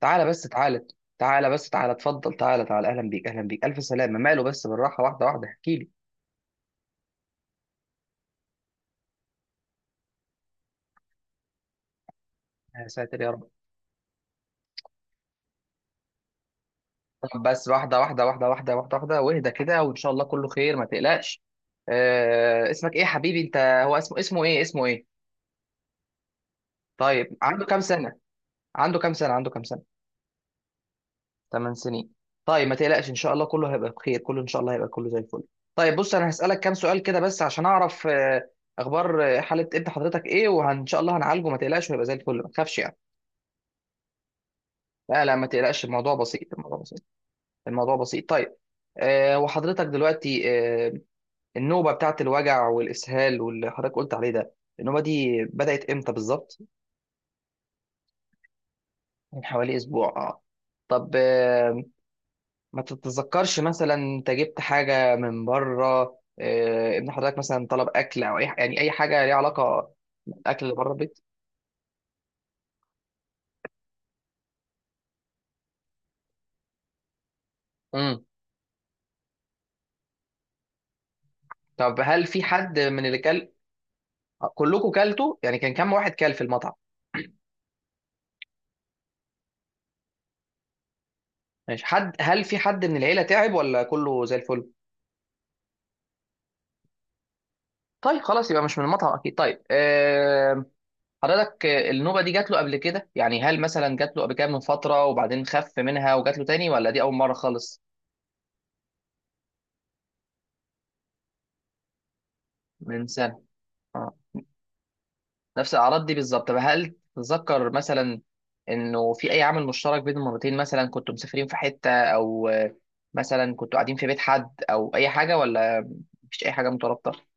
تعالى بس تعالى تعالى بس تعالى، اتفضل، تعالى تعالى، اهلا بيك اهلا بيك، الف سلامه. ماله؟ بس بالراحه، واحده واحده احكي لي. يا ساتر يا رب. طب بس، واحده واحده واحده واحده واحده واحده، واهدى كده. وان شاء الله كله خير، ما تقلقش. آه، اسمك ايه يا حبيبي؟ انت، هو اسمه ايه؟ طيب عنده كام سنه عنده كام سنه عنده كام سنه 8 سنين. طيب، ما تقلقش، ان شاء الله كله هيبقى بخير، كله ان شاء الله هيبقى كله زي الفل. طيب بص، انا هسالك كام سؤال كده بس عشان اعرف اخبار، حاله ابن حضرتك ايه، وان شاء الله هنعالجه، ما تقلقش وهيبقى زي الفل، ما تخافش. لا لا، ما تقلقش، الموضوع بسيط، الموضوع بسيط، الموضوع بسيط. طيب. وحضرتك دلوقتي، أه النوبة بتاعت الوجع والإسهال واللي حضرتك قلت عليه ده، النوبة دي بدأت امتى بالظبط؟ من حوالي أسبوع، اه. طب، ما تتذكرش مثلا انت جبت حاجة من بره؟ ابن حضرتك مثلا طلب أكل أو يعني أي حاجة ليها علاقة بالأكل اللي بره البيت؟ امم. طب هل في حد من اللي كل كلكم كلتوا، يعني كان كم واحد كل في المطعم؟ ماشي. هل في حد من العيلة تعب ولا كله زي الفل؟ طيب خلاص، يبقى مش من المطعم اكيد. طيب، حضرتك، النوبة دي جات له قبل كده؟ يعني هل مثلا جات له قبل كده من فترة وبعدين خف منها وجات له تاني، ولا دي أول مرة خالص؟ من سنة؟ اه. نفس الأعراض دي بالظبط؟ طب هل تتذكر مثلا إنه في أي عامل مشترك بين المرتين؟ مثلا كنتوا مسافرين في حتة، أو مثلا كنتوا قاعدين في بيت حد أو أي حاجة، ولا مفيش أي حاجة مترابطة؟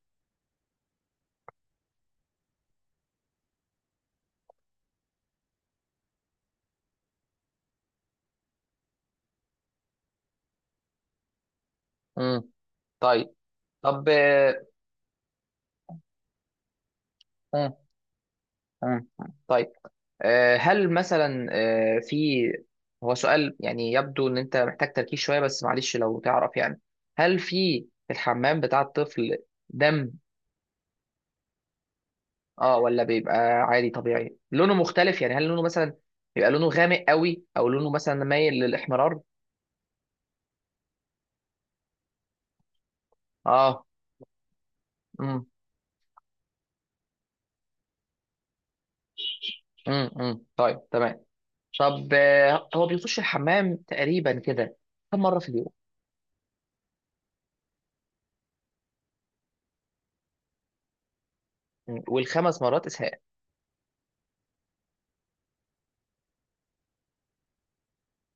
امم طيب. طب، مم. مم. طيب، هل مثلا في، هو سؤال يعني، يبدو ان انت محتاج تركيز شويه، بس معلش، لو تعرف يعني. هل في الحمام بتاع الطفل دم، اه، ولا بيبقى عادي طبيعي؟ لونه مختلف يعني، هل لونه مثلا بيبقى لونه غامق قوي، او لونه مثلا مايل للاحمرار؟ اه. امم. امم. امم. طيب تمام. طب، هو بيخش الحمام تقريبا كده كم مره في اليوم؟ مم. والخمس مرات اسهال؟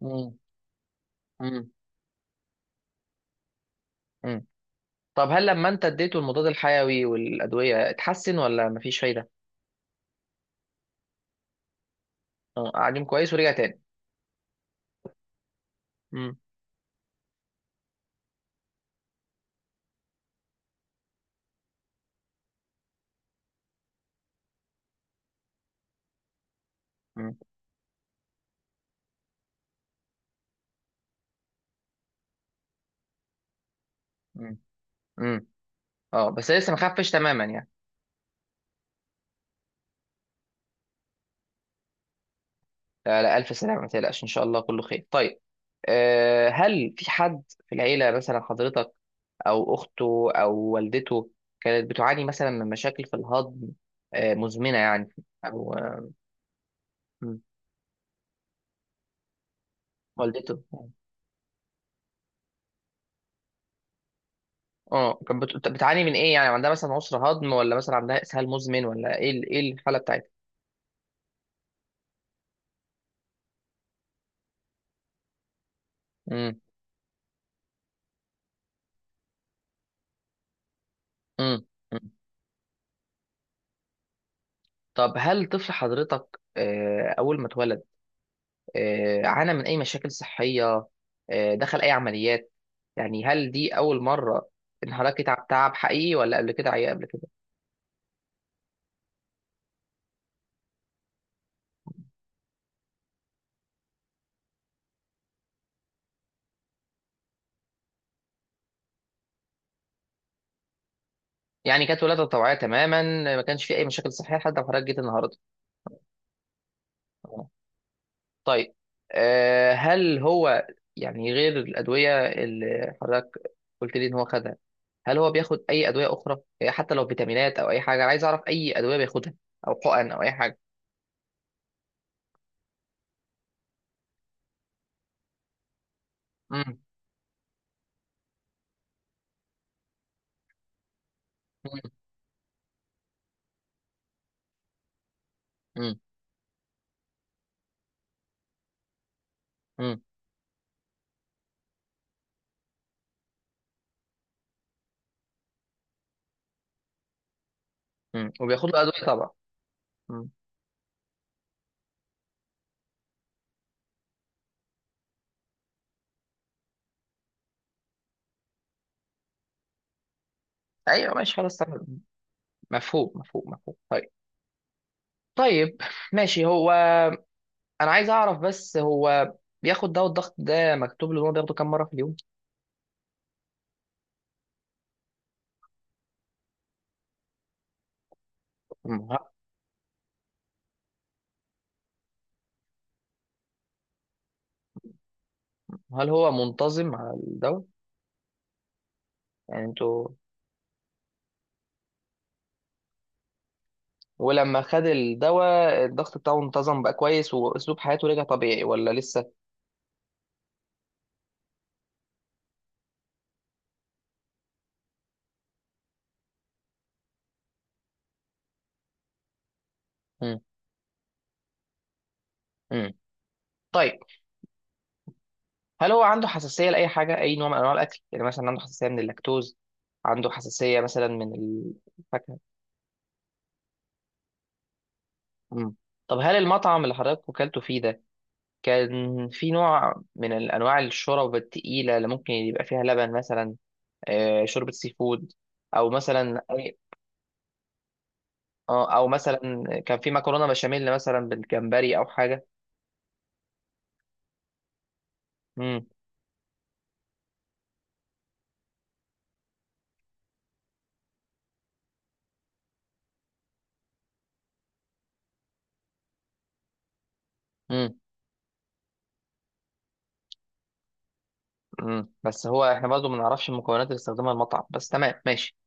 امم. امم. طب هل لما انت اديته المضاد الحيوي والادويه اتحسن، ولا مفيش فايده؟ اه، قاعدين كويس ورجع تاني؟ امم. امم. امم. امم. اه، بس لسه ما خفش تماما يعني. لا لا، الف سلامه، ما تقلقش، ان شاء الله كله خير. طيب، هل في حد في العيله مثلا، حضرتك او اخته او والدته، كانت بتعاني مثلا من مشاكل في الهضم، مزمنه يعني؟ او مم. والدته؟ اه، كانت بتعاني من ايه يعني؟ عندها مثلا عسر هضم، ولا مثلا عندها اسهال مزمن، ايه الحاله بتاعتها؟ مم. مم. طب هل طفل حضرتك، أول ما اتولد، عانى من أي مشاكل صحية؟ دخل أي عمليات؟ يعني هل دي أول مرة إن حضرتك، تعب تعب حقيقي، ولا قبل كده عيا قبل كده؟ يعني كانت ولادة طوعية تماما، ما كانش في أي مشاكل صحية لحد ما حضرتك جيت النهاردة؟ تمام. طيب، هل هو، يعني غير الأدوية اللي حضرتك قلت لي إن هو خدها، هل هو بياخد أي أدوية أخرى، حتى لو فيتامينات أو أي حاجة؟ أنا عايز أعرف أي أدوية بياخدها، أو حقن أو أي حاجة. مم. مم. مم. مم. وبياخد له ادويه طبعا. مم. ايوه ماشي، خلاص تمام. مفهوم مفهوم مفهوم. طيب. طيب ماشي. انا عايز اعرف بس، هو بياخد دواء الضغط ده مكتوب له ان هو بياخده كام مره في اليوم؟ مم. هل هو منتظم على الدواء؟ يعني ولما خد الدواء، الضغط بتاعه انتظم بقى كويس، واسلوب حياته رجع طبيعي، ولا لسه؟ مم. مم. طيب، هل هو عنده حساسيه لاي حاجه، اي نوع من انواع الاكل؟ يعني مثلا عنده حساسيه من اللاكتوز، عنده حساسيه مثلا من الفاكهه؟ مم. طب هل المطعم اللي حضرتك وكلته فيه ده، كان في نوع من الأنواع الشرب التقيلة اللي ممكن يبقى فيها لبن مثلا؟ شوربة سي فود، أو مثلا أي آه، أو مثلا كان في مكرونة بشاميل مثلا بالجمبري أو حاجة؟ مم. مم. مم. بس هو، إحنا برضو ما نعرفش المكونات اللي استخدمها المطعم، بس تمام ماشي.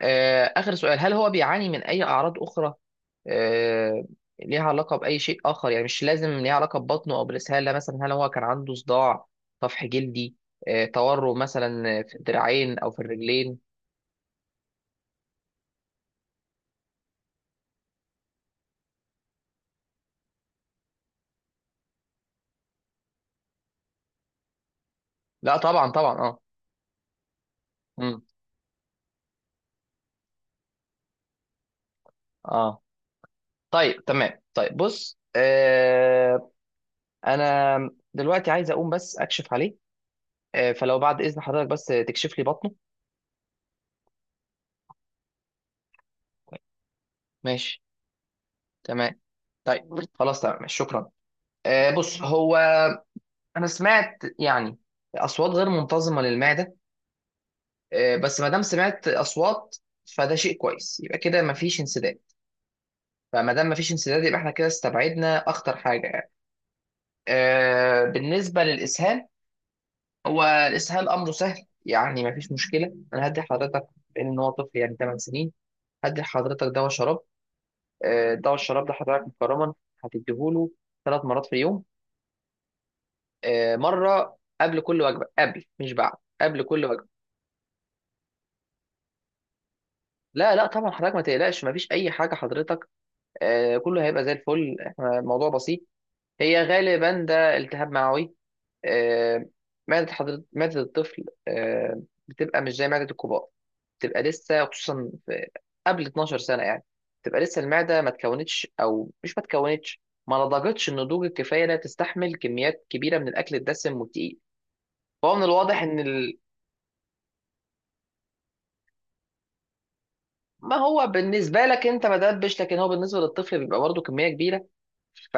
آخر سؤال، هل هو بيعاني من أي أعراض أخرى آه، ليها علاقة بأي شيء آخر؟ يعني مش لازم ليها علاقة ببطنه أو بالإسهال، لا، مثلا هل هو كان عنده صداع، طفح جلدي، تورم مثلا في الدراعين أو في الرجلين؟ لا طبعا طبعا، اه. مم. اه. طيب تمام. طيب بص، أنا دلوقتي عايز أقوم بس أكشف عليه، فلو بعد إذن حضرتك بس تكشف لي بطنه. ماشي تمام. طيب خلاص، تمام، شكرا. بص هو، أنا سمعت يعني أصوات غير منتظمة للمعدة، بس ما دام سمعت اصوات، فده شيء كويس، يبقى كده ما فيش انسداد. فما دام ما فيش انسداد، يبقى احنا كده استبعدنا اخطر حاجه يعني. بالنسبه للاسهال، هو الاسهال امره سهل يعني، ما فيش مشكله. انا هدي حضرتك، بان هو طفل يعني 8 سنين، هدي لحضرتك دواء شراب. دواء الشراب ده حضرتك مكرما هتديهوله 3 مرات في اليوم، مره قبل كل وجبه، قبل مش بعد. قبل كل وجبه. لا لا طبعا، حضرتك ما تقلقش، ما فيش اي حاجه، حضرتك، كله هيبقى زي الفل، احنا الموضوع بسيط. هي غالبا ده التهاب معوي، آه، معدة حضرتك، معدة الطفل، بتبقى مش زي معدة الكبار، بتبقى لسه، خصوصا في قبل 12 سنة يعني، بتبقى لسه المعدة ما تكونتش، أو مش ما تكونتش، ما نضجتش النضوج الكفاية لا تستحمل كميات كبيرة من الأكل الدسم والتقيل. فهو من الواضح إن ال... ما هو بالنسبة لك أنت ما دبش، لكن هو بالنسبة للطفل بيبقى برضه كمية كبيرة. ف...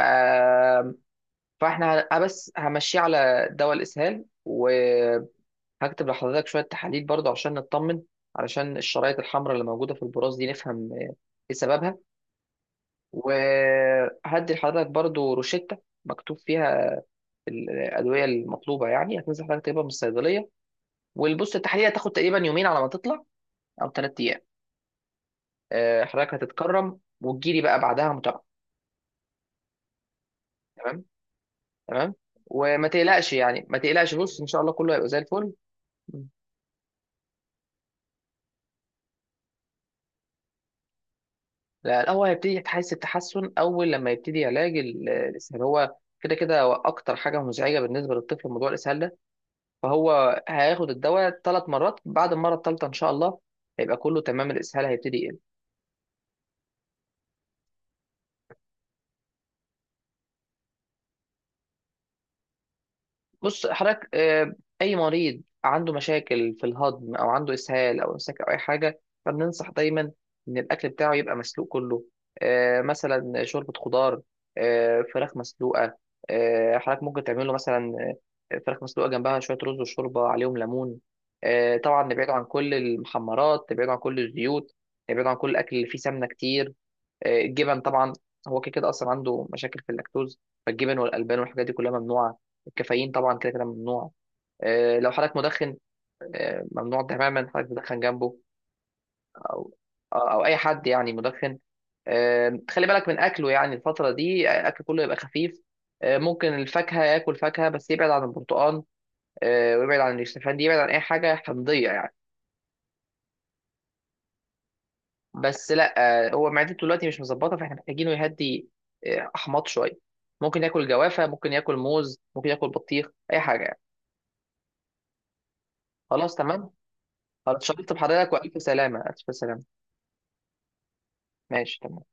فإحنا بس همشيه على دواء الإسهال، و هكتب لحضرتك شوية تحاليل برضه عشان نطمن، علشان الشرايط الحمراء اللي موجودة في البراز دي نفهم ايه سببها. وهدي لحضرتك برضه روشتة مكتوب فيها الأدوية المطلوبة، يعني هتنزل حضرتك تجيبها من الصيدلية. والبص، التحاليل هتاخد تقريبا يومين على ما تطلع، أو 3 أيام. حضرتك هتتكرم وتجيلي بقى بعدها متابعة. تمام تمام. وما تقلقش يعني، ما تقلقش، بص إن شاء الله كله هيبقى زي الفل. لا، الأول هيبتدي تحس التحسن أول لما يبتدي علاج الإسهال. هو كده كده هو أكتر حاجة مزعجة بالنسبة للطفل موضوع الإسهال ده. فهو هياخد الدواء 3 مرات، بعد المرة الثالثة إن شاء الله هيبقى كله تمام، الإسهال هيبتدي... بص حضرتك، اي مريض عنده مشاكل في الهضم او عنده اسهال او امساك او اي حاجه، فبننصح دايما ان الاكل بتاعه يبقى مسلوق كله. مثلا شوربه خضار، فراخ مسلوقه. حضرتك ممكن تعمل له مثلا فراخ مسلوقه جنبها شويه رز وشوربه عليهم ليمون. طبعا نبعد عن كل المحمرات، نبعد عن كل الزيوت، نبعد عن كل الاكل اللي فيه سمنه كتير. الجبن طبعا، هو كده كده اصلا عنده مشاكل في اللاكتوز، فالجبن والالبان والحاجات دي كلها ممنوعه. الكافيين طبعا كده كده ممنوع. لو حضرتك مدخن، ممنوع تماما حضرتك تدخن جنبه، او او اي حد يعني مدخن. خلي بالك من اكله يعني، الفتره دي الاكل كله يبقى خفيف. ممكن الفاكهه، ياكل فاكهه بس يبعد عن البرتقال، ويبعد عن الشوفان دي، يبعد عن اي حاجه حمضيه يعني. بس لا، هو معدته دلوقتي مش مظبطه، فاحنا محتاجينه يهدي احماض شويه. ممكن ياكل جوافه، ممكن ياكل موز، ممكن ياكل بطيخ، اي حاجه يعني. خلاص تمام. خلاص، شرطت بحضرتك، والف سلامه، الف سلامه. ماشي تمام.